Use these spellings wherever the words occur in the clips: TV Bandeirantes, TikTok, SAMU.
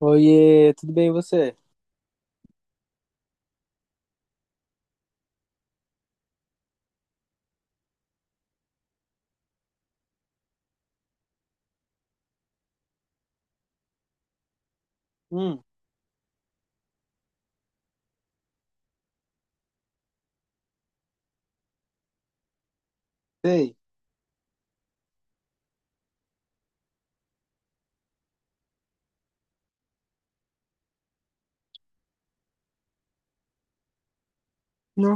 Oiê, tudo bem e você? Hum, sei. Não.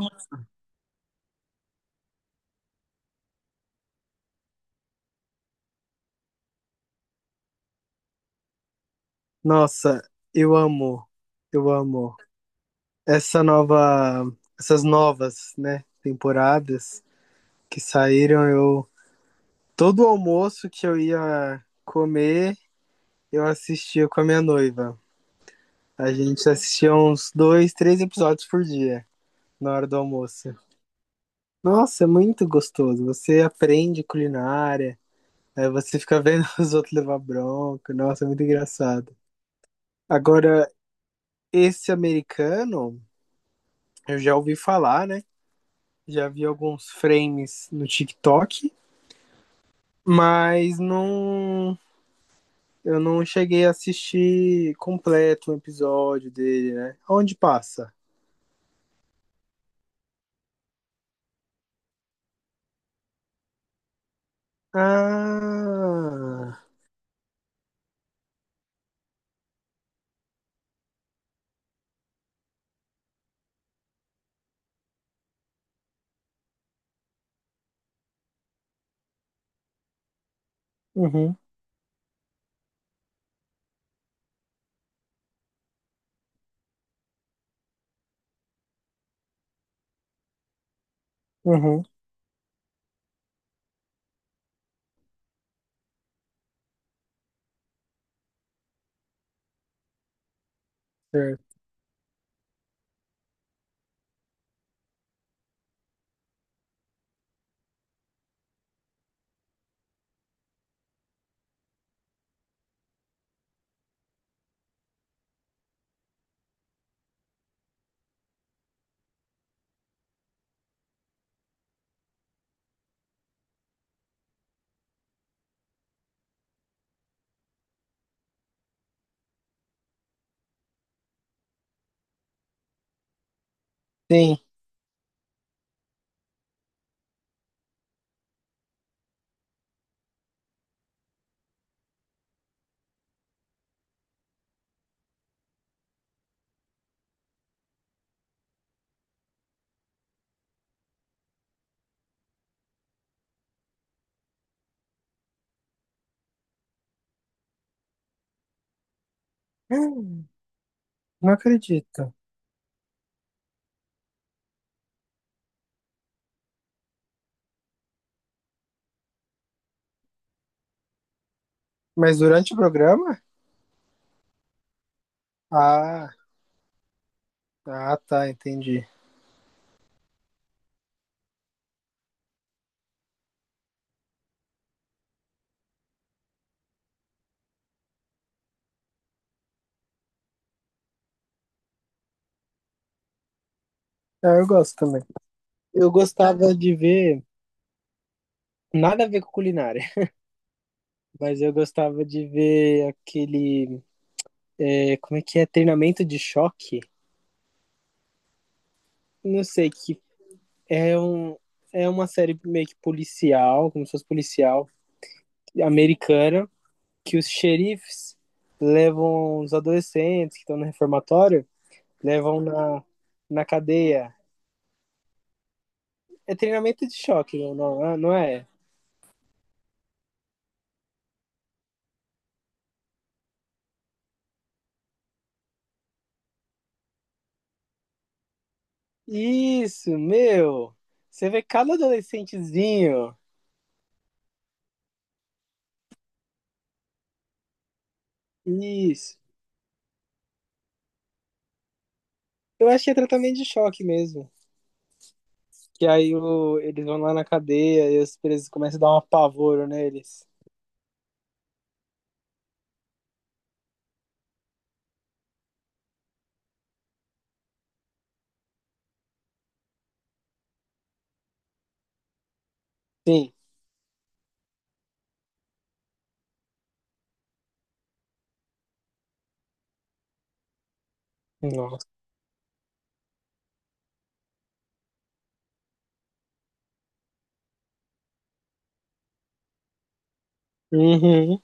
Nossa, eu amo, eu amo essa nova, essas novas, né, temporadas que saíram. Eu todo almoço que eu ia comer, eu assistia com a minha noiva. A gente assistia uns dois, três episódios por dia na hora do almoço. Nossa, é muito gostoso. Você aprende culinária, aí você fica vendo os outros levar bronca. Nossa, é muito engraçado. Agora, esse americano, eu já ouvi falar, né? Já vi alguns frames no TikTok, mas não. Eu não cheguei a assistir completo o um episódio dele, né? Onde passa? Ah. Uhum, uhum. Certo. Sim. Hum. Não acredito. Mas durante o programa? Ah, ah, tá, entendi. Ah, eu gosto também. Eu gostava de ver, nada a ver com culinária, mas eu gostava de ver aquele, é, como é que é? Treinamento de choque? Não sei, que, é, um, é uma série meio que policial, como se fosse policial, americana, que os xerifes levam os adolescentes que estão no reformatório, levam na cadeia. É treinamento de choque, não, não é? Isso, meu! Você vê cada adolescentezinho. Isso. Eu acho que é tratamento de choque mesmo. Que aí eles vão lá na cadeia e os presos começam a dar um apavoro neles. Sim. Nossa. Uhum.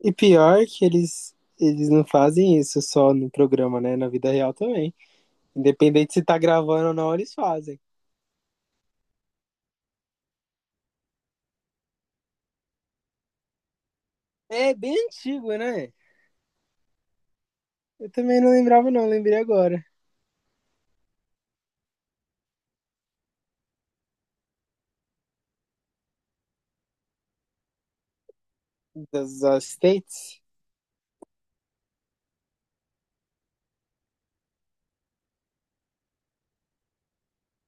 E pior que eles não fazem isso só no programa, né? Na vida real também. Independente se tá gravando ou não, eles fazem. É bem antigo, né? Eu também não lembrava, não, lembrei agora. Das States?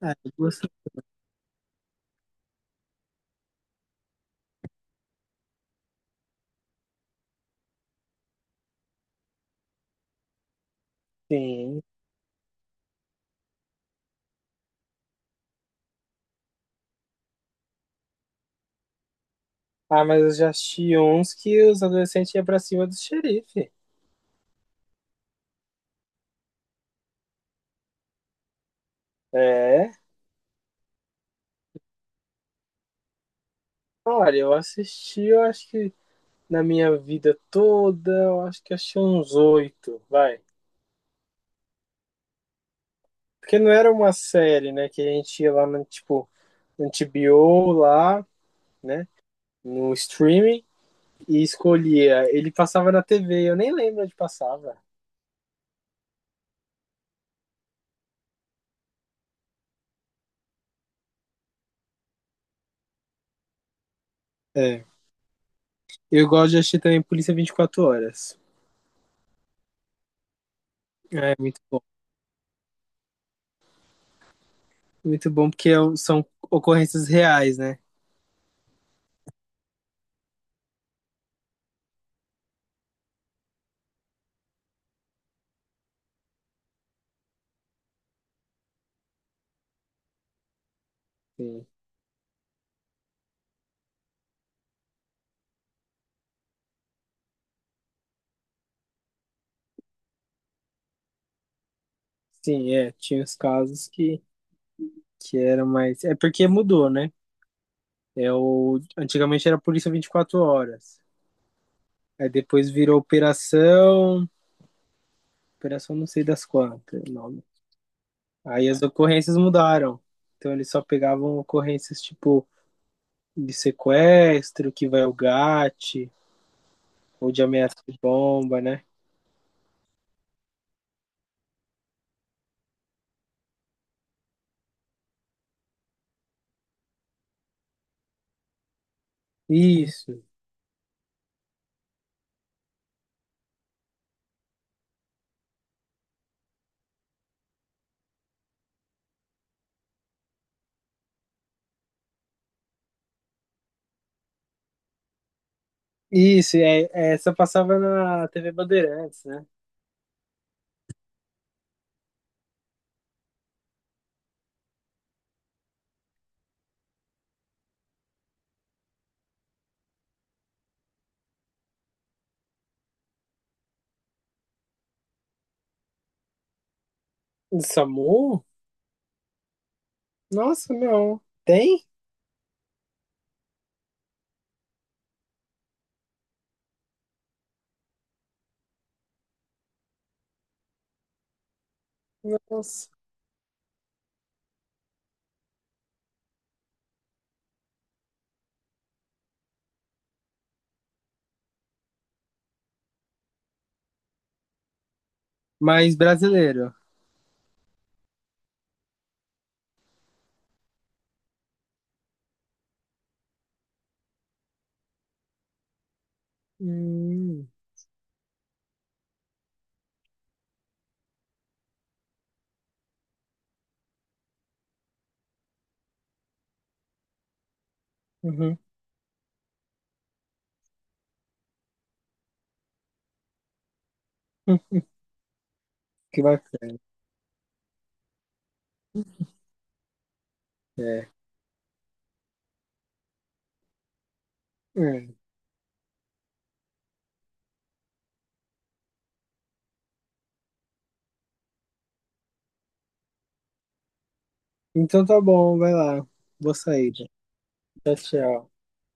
Ah, eu gosto sim. Ah, mas eu já assisti uns que os adolescentes iam pra cima do xerife. É. Olha, eu assisti, eu acho que na minha vida toda, eu acho que achei uns oito, vai. Porque não era uma série, né? Que a gente ia lá no, tipo, no TBO lá, né? No streaming e escolhia. Ele passava na TV, eu nem lembro onde passava. É. Eu gosto de assistir também Polícia 24 Horas. É, muito bom. Muito bom, porque são ocorrências reais, né? Sim, sim é. Tinha os casos que eram mais. É porque mudou, né? É o... Antigamente era Polícia 24 Horas. Aí depois virou Operação. Operação não sei das quantas. Não. Aí as ocorrências mudaram. Então eles só pegavam ocorrências tipo de sequestro, que vai o GAT, ou de ameaça de bomba, né? Isso. Isso, é, essa passava na TV Bandeirantes, né? Do SAMU? Nossa, não. Tem? Nossa. Mas brasileiro. Hum, uhum. Hum, que bacana. É. É. Então tá bom, vai lá. Vou sair. Né? Tchau, tchau.